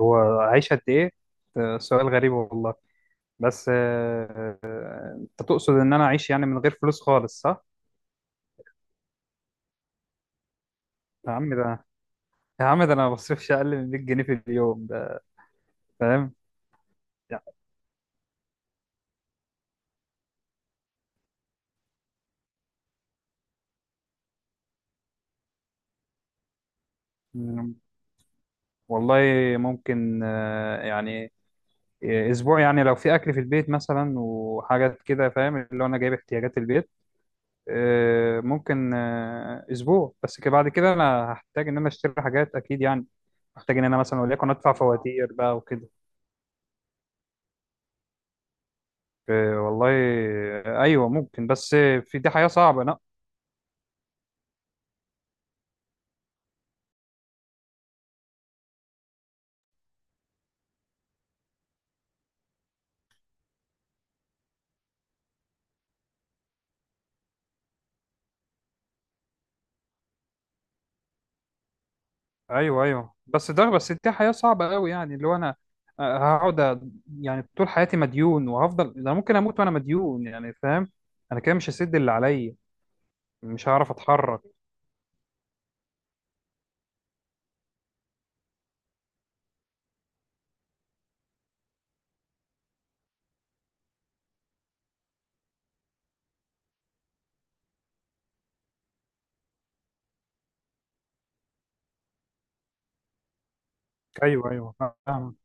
هو عايش قد ايه؟ ده سؤال غريب والله. بس، انت تقصد ان انا اعيش يعني من غير فلوس خالص، صح؟ يا عم ده يا عم ده انا ما بصرفش اقل من 100 جنيه في اليوم ده، فاهم؟ يعني والله ممكن، يعني، اسبوع، يعني لو في اكل في البيت مثلا وحاجات كده، فاهم؟ اللي هو انا جايب احتياجات البيت. ممكن، اسبوع بس كده، بعد كده انا هحتاج ان انا اشتري حاجات اكيد يعني، محتاج ان انا مثلا وليكن ادفع فواتير بقى وكده. إيه والله. ايوه ممكن، بس في دي حياه صعبه، لا. ايوه، ايوه، بس ده، بس دي حياه صعبه قوي، يعني اللي هو انا، هقعد يعني طول حياتي مديون، وهفضل انا ممكن اموت وانا مديون، يعني فاهم؟ انا كده مش هسد اللي عليا، مش هعرف اتحرك. ايوه، ايوه، فاهم.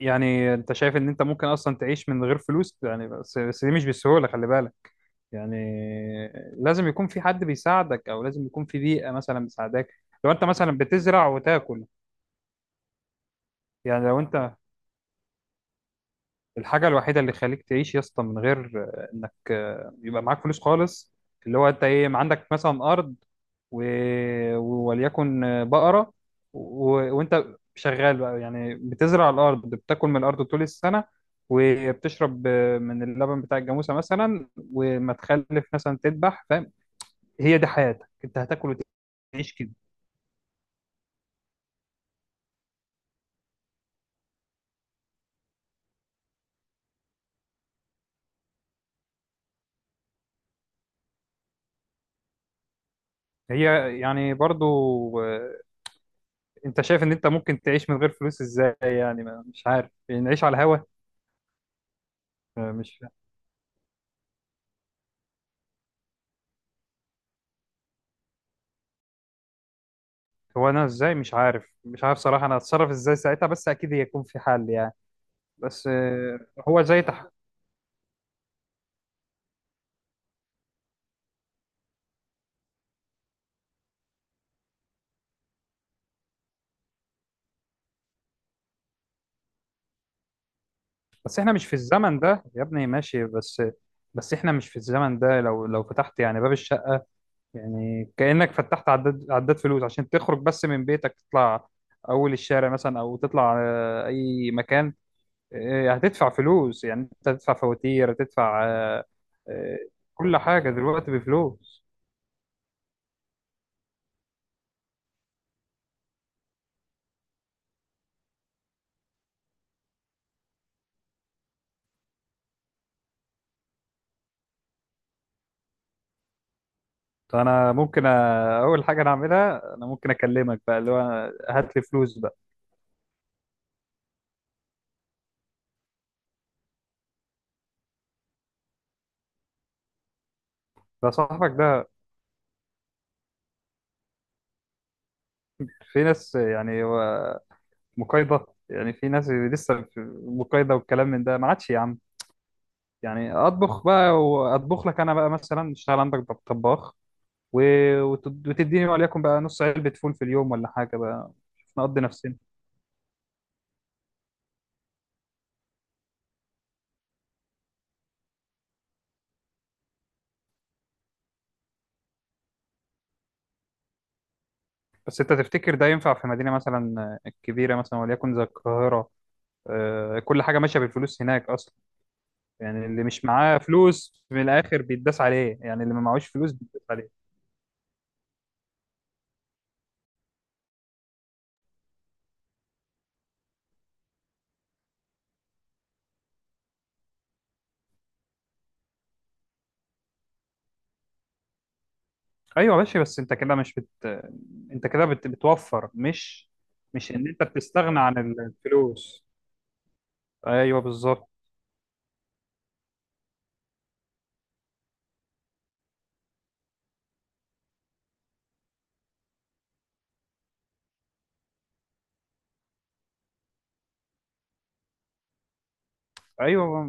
يعني انت شايف ان انت ممكن اصلا تعيش من غير فلوس؟ يعني بس دي مش بالسهوله، خلي بالك. يعني لازم يكون في حد بيساعدك، او لازم يكون في بيئه مثلا بتساعدك. لو انت مثلا بتزرع وتاكل، يعني لو انت، الحاجة الوحيدة اللي خليك تعيش يا اسطى من غير انك يبقى معاك فلوس خالص، اللي هو انت ايه؟ ما عندك مثلا ارض و... وليكن بقرة، و... وانت شغال بقى، يعني بتزرع الارض، بتاكل من الارض طول السنة، وبتشرب من اللبن بتاع الجاموسة مثلا، وما تخلف مثلا تذبح، فاهم؟ هي دي حياتك، انت هتاكل وتعيش كده. هي يعني برضو، آه، انت شايف ان انت ممكن تعيش من غير فلوس ازاي؟ يعني مش عارف نعيش على الهوا. مش، هو انا ازاي؟ مش عارف، مش عارف صراحة انا اتصرف ازاي ساعتها، بس اكيد هيكون في حل يعني. بس، هو زي بس احنا مش في الزمن ده يا ابني، ماشي؟ بس احنا مش في الزمن ده، لو فتحت يعني باب الشقة، يعني كأنك فتحت عداد فلوس عشان تخرج بس من بيتك. تطلع اول الشارع مثلا، او تطلع اي مكان، هتدفع فلوس، يعني انت هتدفع فواتير، هتدفع آه، كل حاجة دلوقتي بفلوس. طب انا ممكن اول حاجه انا اعملها، انا ممكن اكلمك بقى اللي هو: هات لي فلوس بقى. ده صاحبك ده؟ في ناس يعني، هو مقايضه، يعني في ناس لسه في مقايضه؟ والكلام من ده ما عادش يا عم. يعني اطبخ بقى، واطبخ لك انا بقى، مثلا اشتغل عندك طباخ، وتديني وليكن بقى نص علبه فول في اليوم ولا حاجه بقى. نقضي نفسنا. بس انت تفتكر ده ينفع في مدينه مثلا كبيره، مثلا وليكن زي القاهره؟ كل حاجه ماشيه بالفلوس هناك اصلا. يعني اللي مش معاه فلوس في الاخر بيتداس عليه، يعني اللي ما معهوش فلوس بيتداس عليه. ايوه ماشي، بس انت كده مش انت كده بتوفر، مش ان انت بتستغنى عن الفلوس. ايوه بالظبط. ايوه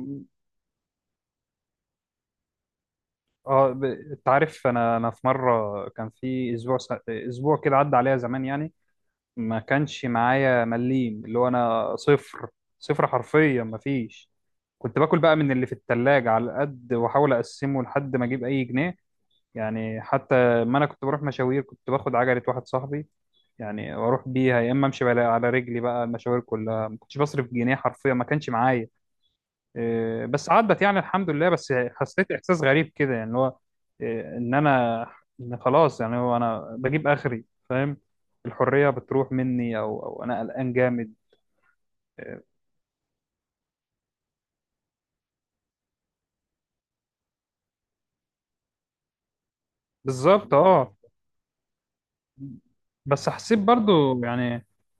اه، انت عارف، انا في مره كان في اسبوع اسبوع كده عدى عليا زمان يعني، ما كانش معايا مليم، اللي هو انا صفر، صفر حرفيا ما فيش. كنت باكل بقى من اللي في التلاجة على قد، واحاول اقسمه لحد ما اجيب اي جنيه، يعني حتى، ما انا كنت بروح مشاوير، كنت باخد عجلة واحد صاحبي يعني، واروح بيها يا اما امشي على رجلي بقى. المشاوير كلها ما كنتش بصرف جنيه حرفيا، ما كانش معايا. إيه، بس عدت يعني الحمد لله. بس حسيت احساس غريب كده يعني اللي هو إيه، ان انا، إن خلاص يعني، هو انا بجيب اخري؟ فاهم؟ الحرية بتروح مني، او انا قلقان جامد. إيه، بالظبط اه. بس حسيت برضو يعني،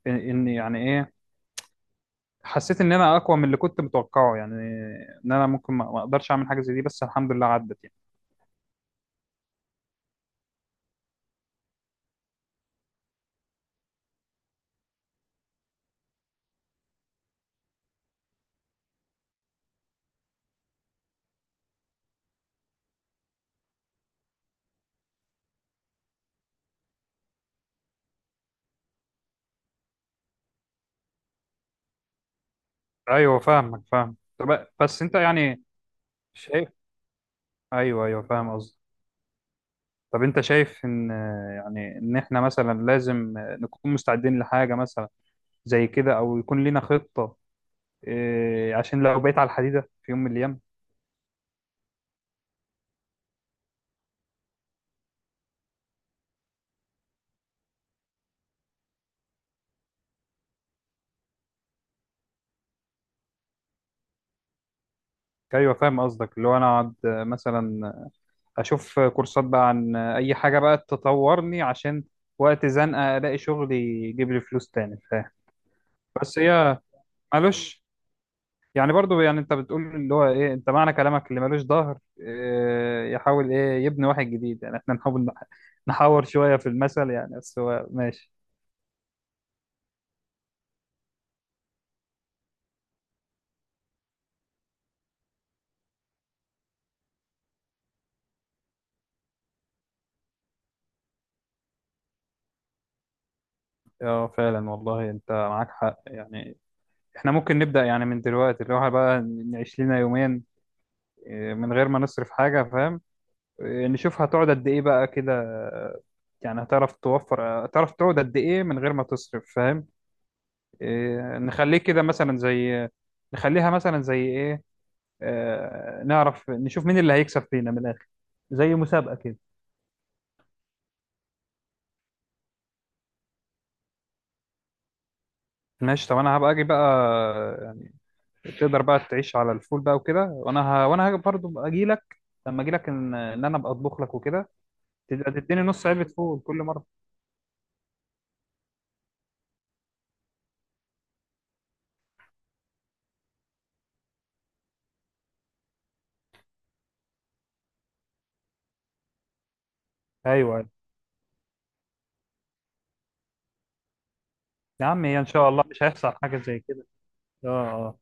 ان يعني ايه، حسيت ان انا اقوى من اللي كنت متوقعه يعني، ان انا ممكن ما اقدرش اعمل حاجه زي دي، بس الحمد لله عدت يعني. ايوه فاهمك فاهم. طب بس انت يعني شايف. ايوه ايوه فاهم قصدي. طب انت شايف ان، يعني ان احنا مثلا لازم نكون مستعدين لحاجه مثلا زي كده، او يكون لينا خطه، إيه، عشان لو بقيت على الحديده في يوم من الايام. ايوه فاهم قصدك، اللي هو انا اقعد مثلا اشوف كورسات بقى عن اي حاجه بقى تطورني عشان وقت زنقه الاقي شغل يجيب لي فلوس تاني. بس هي مالوش، يعني برضو يعني، انت بتقول اللي هو ايه؟ انت معنى كلامك، اللي مالوش ظهر إيه يحاول ايه يبني واحد جديد، يعني احنا نحاول نحاور شوية في المثل يعني، بس هو ماشي. اه فعلا والله انت معاك حق يعني. احنا ممكن نبدأ يعني من دلوقتي، اللي هو بقى نعيش لنا يومين، إيه، من غير ما نصرف حاجة، فاهم؟ إيه، نشوف هتقعد قد ايه بقى كده، اه، يعني هتعرف توفر، هتعرف تقعد قد ايه من غير ما تصرف، فاهم؟ إيه، نخليه كده مثلا زي، نخليها مثلا زي ايه، نعرف نشوف مين اللي هيكسب فينا من الاخر، زي مسابقة كده. ماشي، طب انا هبقى اجي بقى يعني، تقدر بقى تعيش على الفول بقى وكده، وانا وانا هاجي برضه اجي لك، لما اجي لك، ان انا ابقى اطبخ لك وكده، تبقى تديني نص علبة فول كل مرة. ايوه، أيوة. يا عم، هي ان شاء الله مش هيحصل حاجة زي كده. اه اه.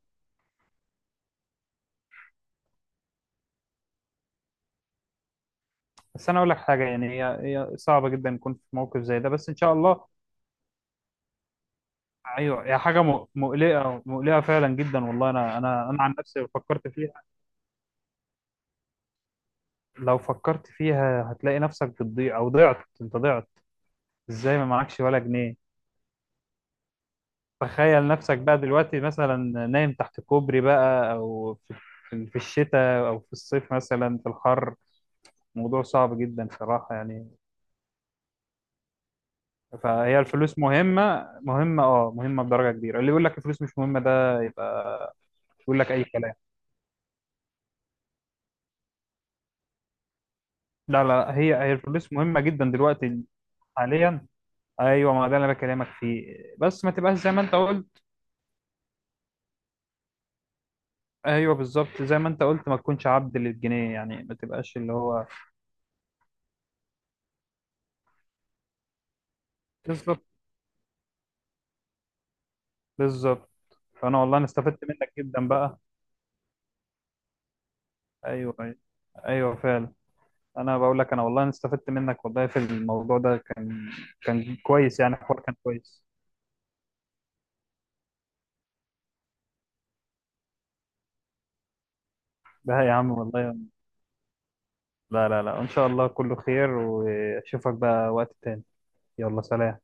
بس انا اقول لك حاجة، يعني هي صعبة جدا نكون في موقف زي ده، بس ان شاء الله. ايوه، هي حاجة مقلقة، مقلقة فعلا جدا والله. انا عن نفسي فكرت فيها. لو فكرت فيها هتلاقي نفسك بتضيع، او ضعت انت ضعت. ازاي ما معكش ولا جنيه؟ تخيل نفسك بقى دلوقتي مثلا نايم تحت كوبري بقى، او في الشتاء او في الصيف مثلا في الحر. موضوع صعب جدا صراحة يعني. فهي الفلوس مهمة، مهمة اه، مهمة بدرجة كبيرة. اللي يقول لك الفلوس مش مهمة ده يبقى يقول لك اي كلام. لا لا، هي الفلوس مهمة جدا دلوقتي حاليا. ايوه، ما ده اللي انا بكلمك فيه، بس ما تبقاش زي ما انت قلت. ايوه بالظبط، زي ما انت قلت ما تكونش عبد للجنيه، يعني ما تبقاش اللي هو. بالظبط، بالظبط. فانا والله انا استفدت منك جدا بقى. ايوه، ايوه، ايوه، فعلا. انا بقول لك، انا والله انا استفدت منك والله في الموضوع ده، كان كويس يعني، الحوار كان كويس. ده يا عم والله. لا لا لا، ان شاء الله كله خير، واشوفك بقى وقت تاني. يلا سلام.